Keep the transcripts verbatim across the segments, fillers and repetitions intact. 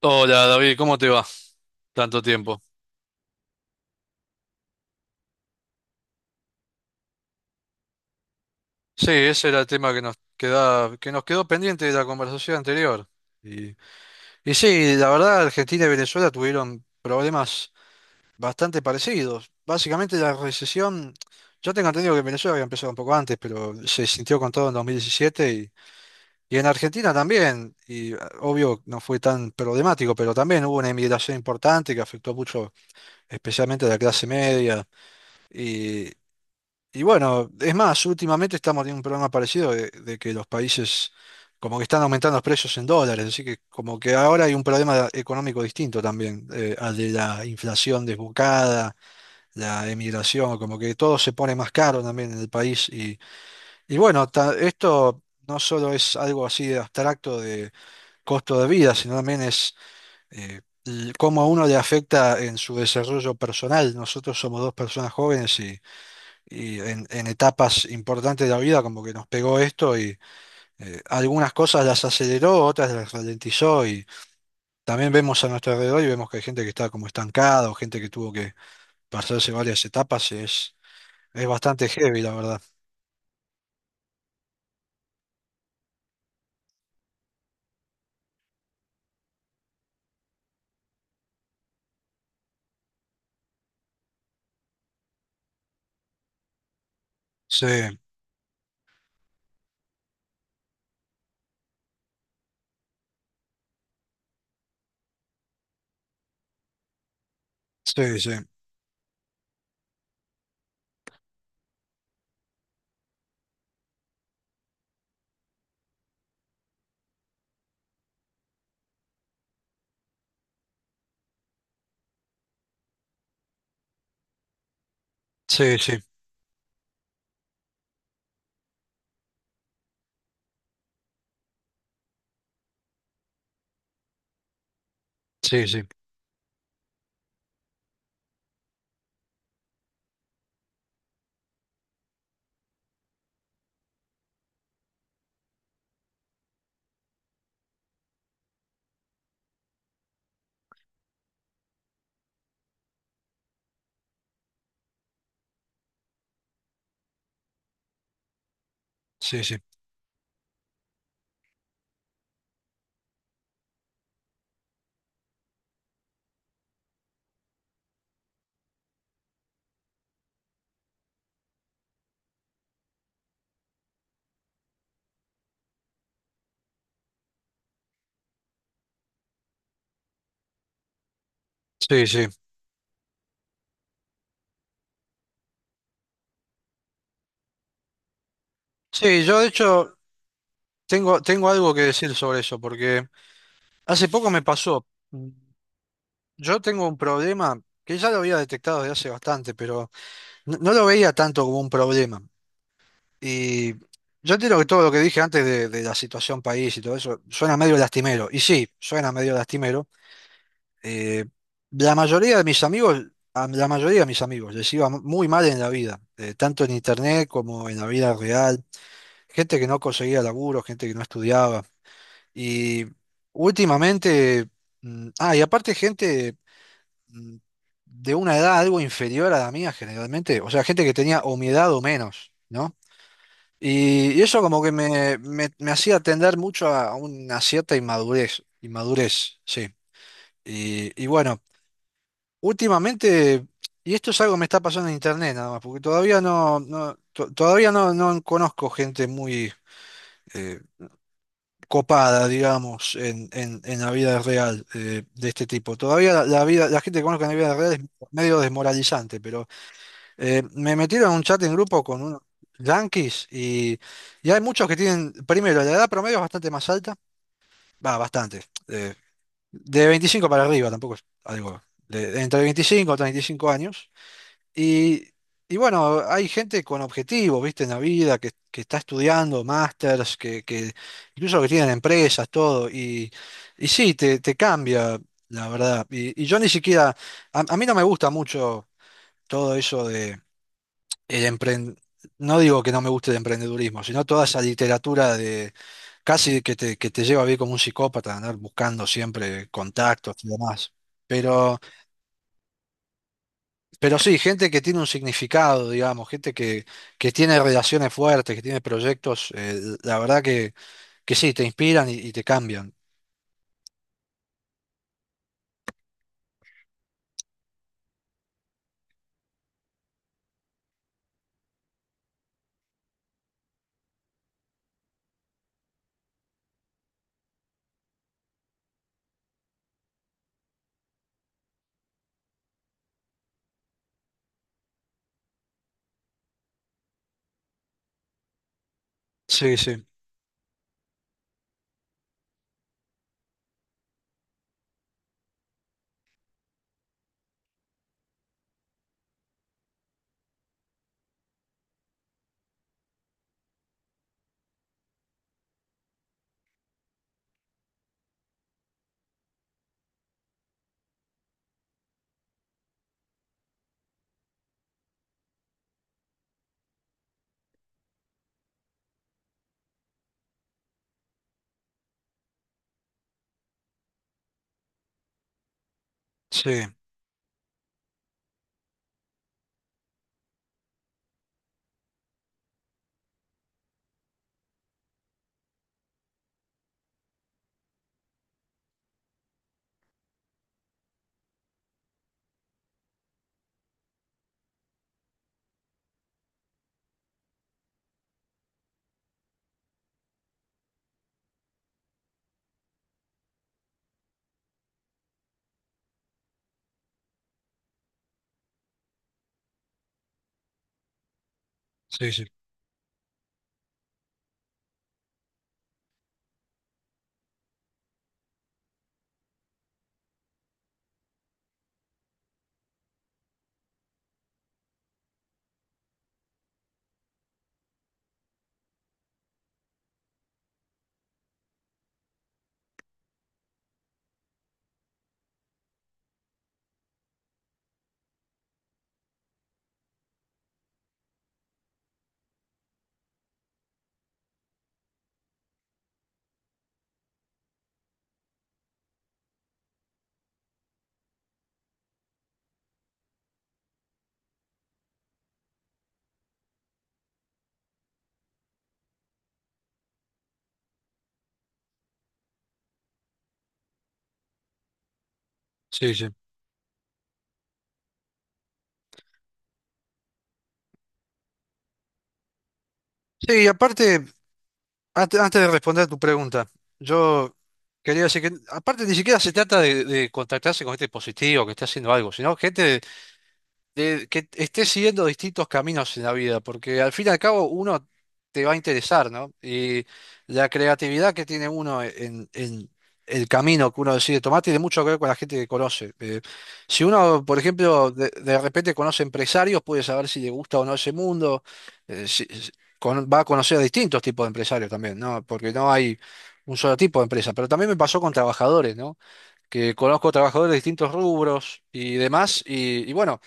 Hola David, ¿cómo te va? Tanto tiempo. Sí, ese era el tema que nos queda, que nos quedó pendiente de la conversación anterior. Y, y sí, la verdad, Argentina y Venezuela tuvieron problemas bastante parecidos. Básicamente la recesión, yo tengo entendido que en Venezuela había empezado un poco antes, pero se sintió con todo en dos mil diecisiete y, y en Argentina también. Y ah, obvio no fue tan problemático, pero también hubo una inmigración importante que afectó mucho, especialmente a la clase media. y Y bueno, es más, últimamente estamos teniendo un problema parecido de, de que los países como que están aumentando los precios en dólares, así que como que ahora hay un problema económico distinto también, eh, al de la inflación desbocada, la emigración, como que todo se pone más caro también en el país. Y, y bueno, ta- esto no solo es algo así de abstracto de costo de vida, sino también es eh, l- cómo a uno le afecta en su desarrollo personal. Nosotros somos dos personas jóvenes y en, en etapas importantes de la vida como que nos pegó esto y eh, algunas cosas las aceleró, otras las ralentizó y también vemos a nuestro alrededor y vemos que hay gente que está como estancada o gente que tuvo que pasarse varias etapas y es, es bastante heavy, la verdad. Sí, sí, sí, sí, sí, sí, sí, sí, sí, sí, sí. Sí, yo de hecho tengo, tengo algo que decir sobre eso porque hace poco me pasó. Yo tengo un problema que ya lo había detectado desde hace bastante, pero... No, no lo veía tanto como un problema. Y yo entiendo que todo lo que dije antes de, de la situación país y todo eso suena medio lastimero. Y sí, suena medio lastimero. Eh, la mayoría de mis amigos, a la mayoría de mis amigos les iba muy mal en la vida, eh, tanto en internet como en la vida real. Gente que no conseguía laburo, gente que no estudiaba. Y últimamente, mm, ah, y aparte gente mm, de una edad algo inferior a la mía generalmente, o sea, gente que tenía o mi edad o menos, ¿no? Y, y eso como que me, me- me hacía tender mucho a una cierta inmadurez, inmadurez, sí. Y, y bueno, últimamente, y esto es algo que me está pasando en internet nada más, porque todavía no, no to- todavía no, no conozco gente muy eh, copada, digamos, en, en, en la vida real eh, de este tipo. Todavía la, la vida, la gente que conozco en la vida real es medio desmoralizante, pero Eh, me metieron en un chat en grupo con unos yanquis y, y hay muchos que tienen, primero, la edad promedio es bastante más alta, va, bastante, eh, de veinticinco para arriba, tampoco es algo, de- entre veinticinco y treinta y cinco años. Y, y bueno, hay gente con objetivos, viste, en la vida, que, que está estudiando, másters, que, que incluso que tienen empresas, todo, y, y sí, te, te cambia, la verdad. Y, y yo ni siquiera, a a mí no me gusta mucho todo eso el empren- no digo que no me guste el emprendedurismo, sino toda esa literatura de casi que te, que te lleva a vivir como un psicópata, andar buscando siempre contactos y demás. Pero, pero sí, gente que tiene un significado, digamos, gente que, que tiene relaciones fuertes, que tiene proyectos, eh, la verdad que, que sí, te inspiran y, y te cambian. Sí, sí, sí, sí, sí, sí, sí. Sí, y aparte. Ante- Antes de responder a tu pregunta, yo quería decir que, aparte, ni siquiera se trata de, de contactarse con gente positiva que esté haciendo algo, sino gente de que estés siguiendo distintos caminos en la vida, porque al fin y al cabo uno te va a interesar, ¿no? Y la creatividad que tiene uno en, en el camino que uno decide tomar tiene mucho que ver con la gente que conoce. Eh, si uno, por ejemplo, de, de repente conoce empresarios, puede saber si le gusta o no ese mundo, eh, si- si- con- va a conocer a distintos tipos de empresarios también, ¿no? Porque no hay un solo tipo de empresa, pero también me pasó con trabajadores, ¿no? Que conozco trabajadores de distintos rubros y demás, y y bueno.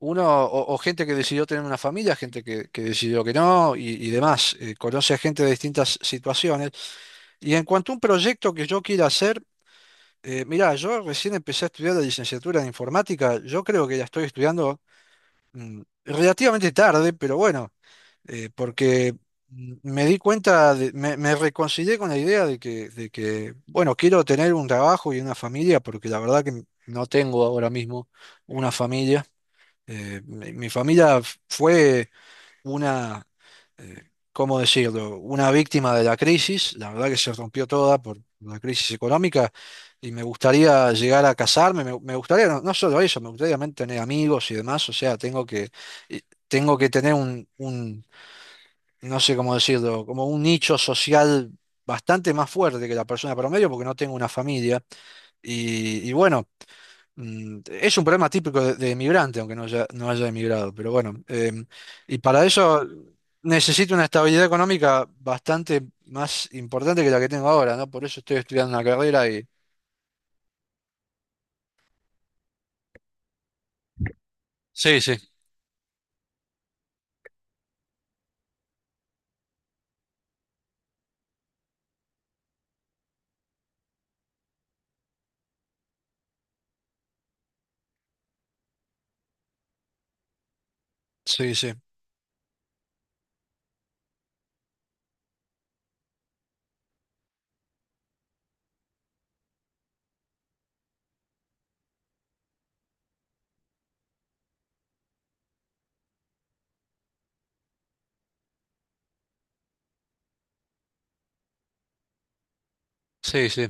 Uno, o, o gente que decidió tener una familia, gente que, que decidió que no, y, y demás. Eh, conoce a gente de distintas situaciones. Y en cuanto a un proyecto que yo quiera hacer, eh, mirá, yo recién empecé a estudiar la licenciatura en informática. Yo creo que la estoy estudiando mm, relativamente tarde, pero bueno, eh, porque mm, me di cuenta, de- me, me reconcilié con la idea de que, de que, bueno, quiero tener un trabajo y una familia, porque la verdad que no tengo ahora mismo una familia. Eh, mi, mi familia fue una, eh, ¿cómo decirlo? Una víctima de la crisis. La verdad que se rompió toda por la crisis económica y me gustaría llegar a casarme. Me, me gustaría, no, no solo eso, me gustaría también tener amigos y demás. O sea, tengo que, y tengo que tener un, un, no sé cómo decirlo, como un nicho social bastante más fuerte que la persona promedio porque no tengo una familia y y bueno. Mm, es un problema típico de, de emigrante, aunque no haya, no haya emigrado, pero bueno, em, y para eso necesito una estabilidad económica bastante más importante que la que tengo ahora, ¿no? Por eso estoy estudiando una carrera y... Sí, sí, sí, sí, sí, sí,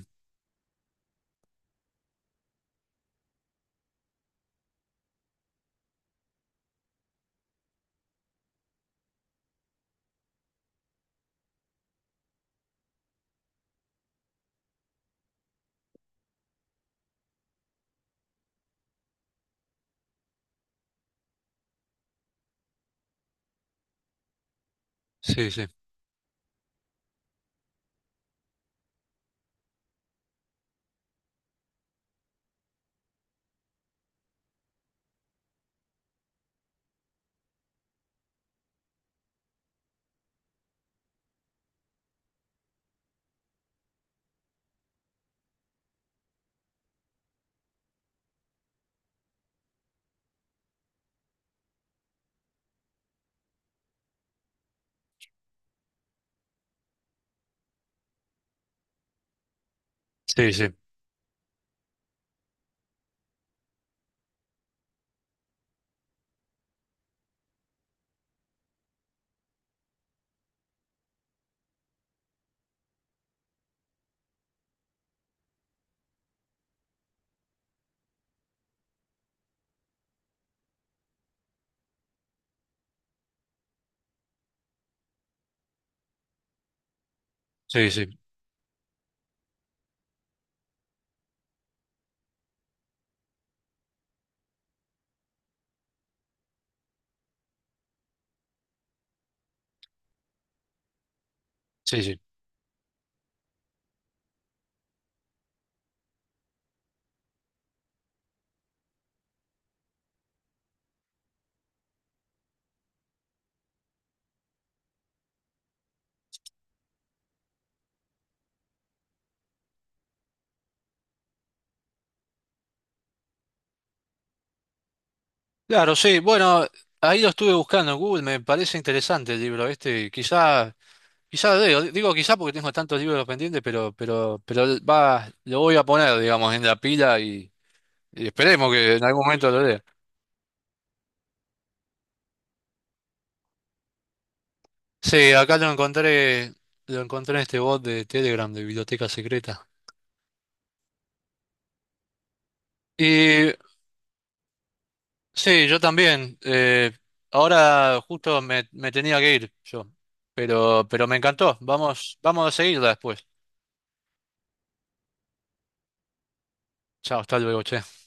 sí, sí, sí, sí, sí, sí, sí, sí. Claro, sí, bueno, ahí lo estuve buscando en Google, me parece interesante el libro este, y quizá, quizá leo, digo quizá porque tengo tantos libros pendientes, pero, pero, pero va, lo voy a poner, digamos, en la pila. Y esperemos que en algún momento lo lea. Sí, acá lo encontré, lo encontré en este bot de Telegram de Biblioteca Secreta. Y sí, yo también. eh, ahora justo me, me tenía que ir yo. Pero, pero me encantó. Vamos, vamos a seguirla después. Chao, hasta luego, che.